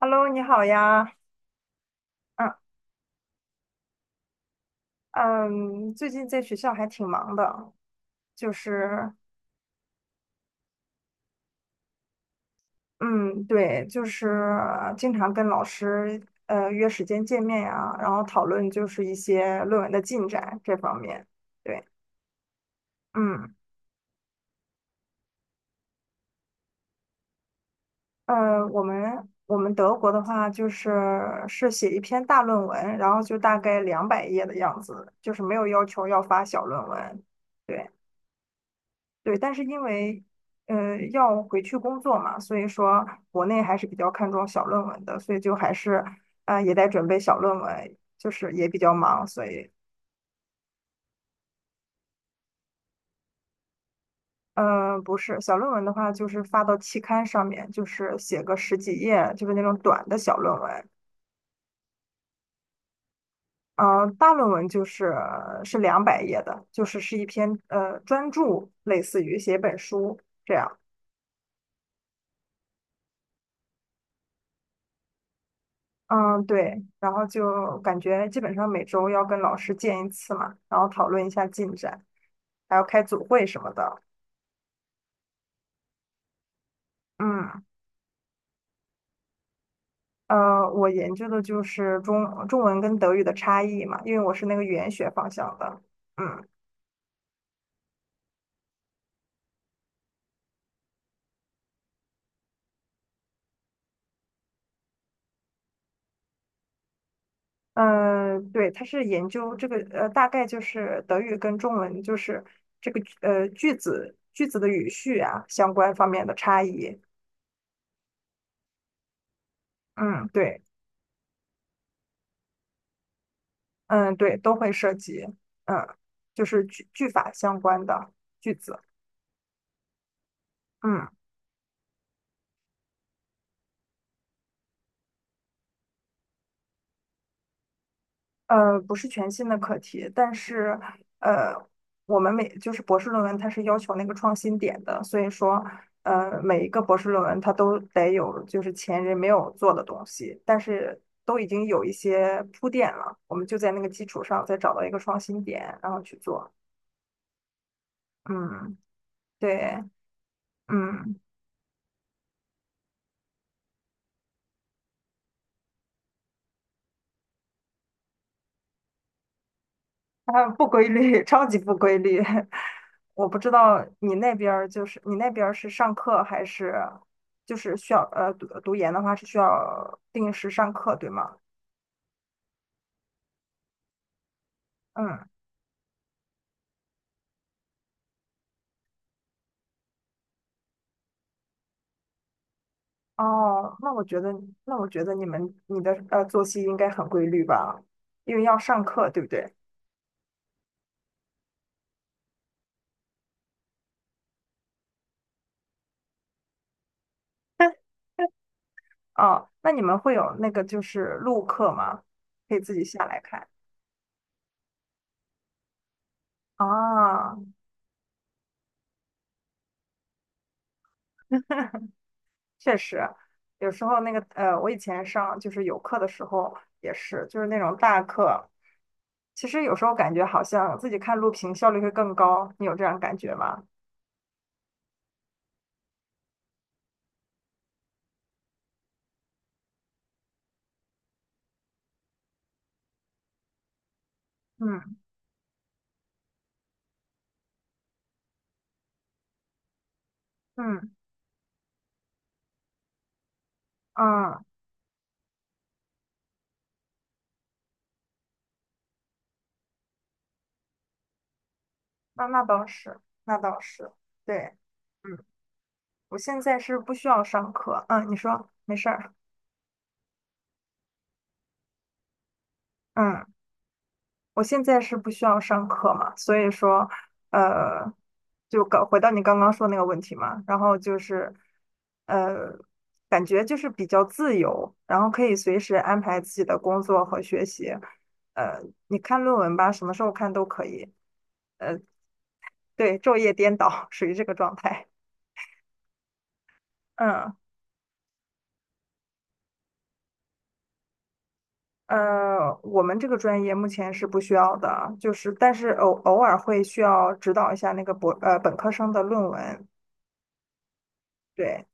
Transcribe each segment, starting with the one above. Hello，你好呀。嗯嗯，最近在学校还挺忙的。就是嗯，对，就是经常跟老师约时间见面呀，然后讨论就是一些论文的进展这方面。对。嗯我们德国的话是写一篇大论文，然后就大概两百页的样子，就是没有要求要发小论文。对。对，但是因为要回去工作嘛，所以说国内还是比较看重小论文的，所以就还是也在准备小论文，就是也比较忙，所以嗯，不是小论文的话，就是发到期刊上面，就是写个十几页，就是那种短的小论文。大论文是两百页的，是一篇专著，类似于写一本书这样。嗯，对，然后就感觉基本上每周要跟老师见一次嘛，然后讨论一下进展，还要开组会什么的。嗯，我研究的就是中文跟德语的差异嘛，因为我是那个语言学方向的。嗯嗯，对，它是研究这个大概就是德语跟中文就是这个句子的语序啊相关方面的差异。嗯，对。嗯，对，都会涉及，嗯，就是句法相关的句子，嗯，不是全新的课题，但是，呃，我们就是博士论文，它是要求那个创新点的，所以说，每一个博士论文它都得有就是前人没有做的东西，但是都已经有一些铺垫了，我们就在那个基础上再找到一个创新点，然后去做，嗯，对，嗯。啊，不规律，超级不规律。我不知道你那边儿是上课还是就是需要读研的话是需要定时上课，对吗？嗯，哦，那我觉得你的作息应该很规律吧，因为要上课，对不对？哦，那你们会有那个就是录课吗？可以自己下来看啊。哦，确实，有时候那个我以前上就是有课的时候也是，就是那种大课，其实有时候感觉好像自己看录屏效率会更高，你有这样感觉吗？嗯嗯嗯，那倒是，那倒是，对，嗯，我现在是不需要上课，嗯，你说没事儿，嗯。我现在是不需要上课嘛，所以说，呃，就搞回到你刚刚说那个问题嘛，然后就是，呃，感觉就是比较自由，然后可以随时安排自己的工作和学习，呃，你看论文吧，什么时候看都可以，对，昼夜颠倒，属于这个状态。嗯，我们这个专业目前是不需要的，就是但是偶尔会需要指导一下那个本科生的论文。对。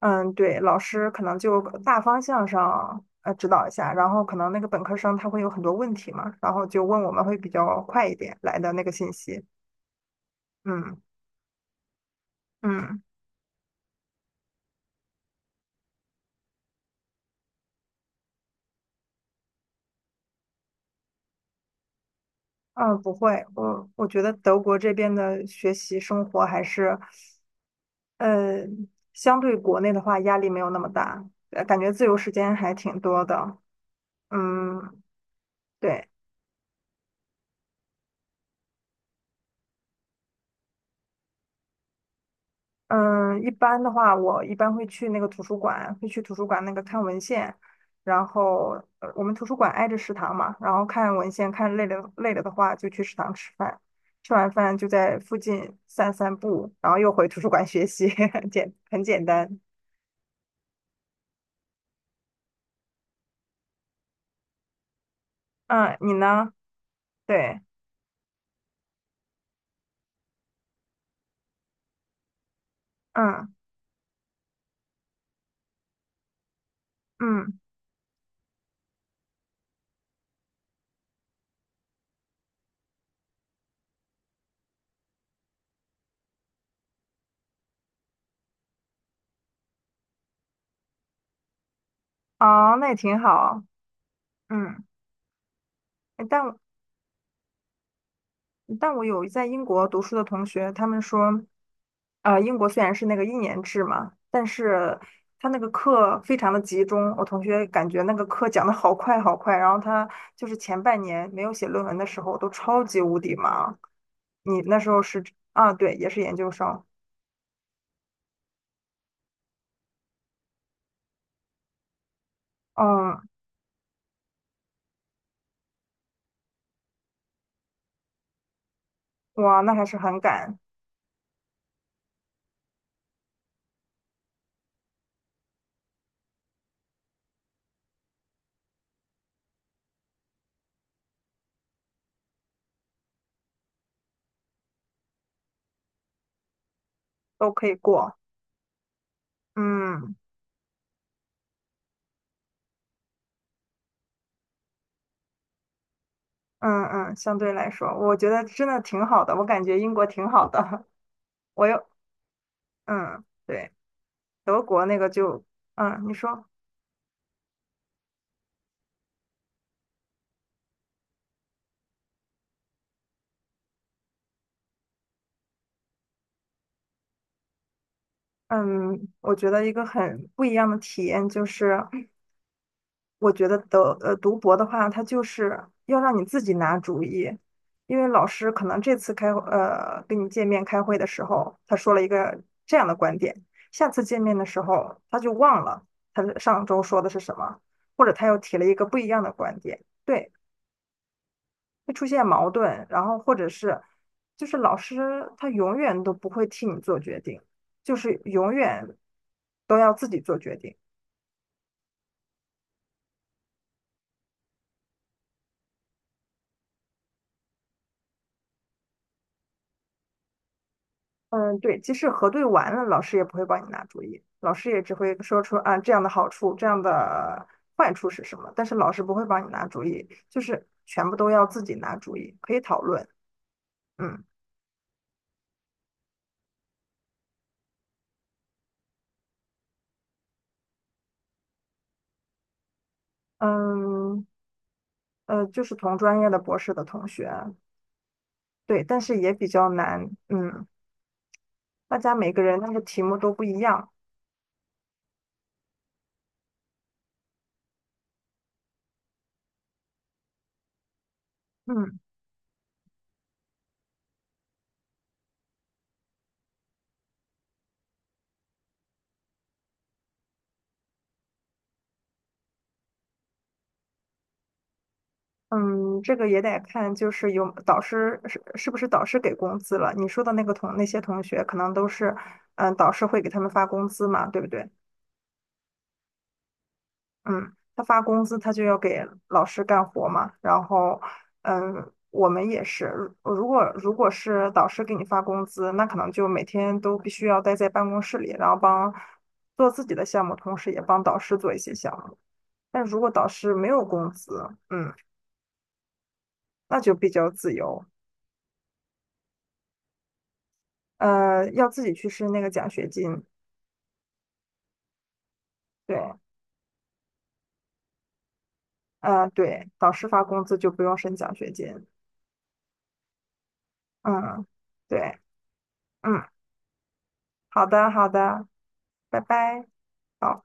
嗯，对，老师可能就大方向上指导一下，然后可能那个本科生他会有很多问题嘛，然后就问我们会比较快一点来的那个信息。嗯嗯嗯，不会，我觉得德国这边的学习生活还是，呃，相对国内的话压力没有那么大，感觉自由时间还挺多的。嗯，对。嗯，一般的话，我一般会去那个图书馆，会去图书馆那个看文献，然后我们图书馆挨着食堂嘛，然后看文献，看累了的话就去食堂吃饭，吃完饭就在附近散散步，然后又回图书馆学习，很简单。嗯，你呢？对，嗯嗯，哦，那也挺好。嗯，但但我有在英国读书的同学，他们说，啊，英国虽然是那个一年制嘛，但是他那个课非常的集中。我同学感觉那个课讲的好快好快，然后他就是前半年没有写论文的时候都超级无敌忙。你那时候是啊，对，也是研究生，嗯，哇，那还是很赶，都可以过，嗯嗯嗯，相对来说，我觉得真的挺好的，我感觉英国挺好的，我有，嗯。对。德国那个就，嗯，你说，嗯，我觉得一个很不一样的体验就是，我觉得读博的话，它就是要让你自己拿主意，因为老师可能这次跟你见面开会的时候，他说了一个这样的观点，下次见面的时候他就忘了他上周说的是什么，或者他又提了一个不一样的观点。对。会出现矛盾，然后或者是就是老师他永远都不会替你做决定，就是永远都要自己做决定。嗯，对，即使核对完了，老师也不会帮你拿主意，老师也只会说出啊这样的好处，这样的坏处是什么，但是老师不会帮你拿主意，就是全部都要自己拿主意，可以讨论。嗯嗯，就是同专业的博士的同学，对，但是也比较难。嗯，大家每个人那个题目都不一样。嗯嗯，这个也得看，就是有导师是不是导师给工资了？你说的那个同那些同学，可能都是，嗯，导师会给他们发工资嘛，对不对？嗯，他发工资，他就要给老师干活嘛。然后，嗯，我们也是，如果是导师给你发工资，那可能就每天都必须要待在办公室里，然后帮做自己的项目，同时也帮导师做一些项目。但如果导师没有工资，嗯，那就比较自由。呃，要自己去申那个奖学金。对，呃，对，导师发工资就不用申奖学金。嗯，对，嗯，好的，好的，拜拜。好。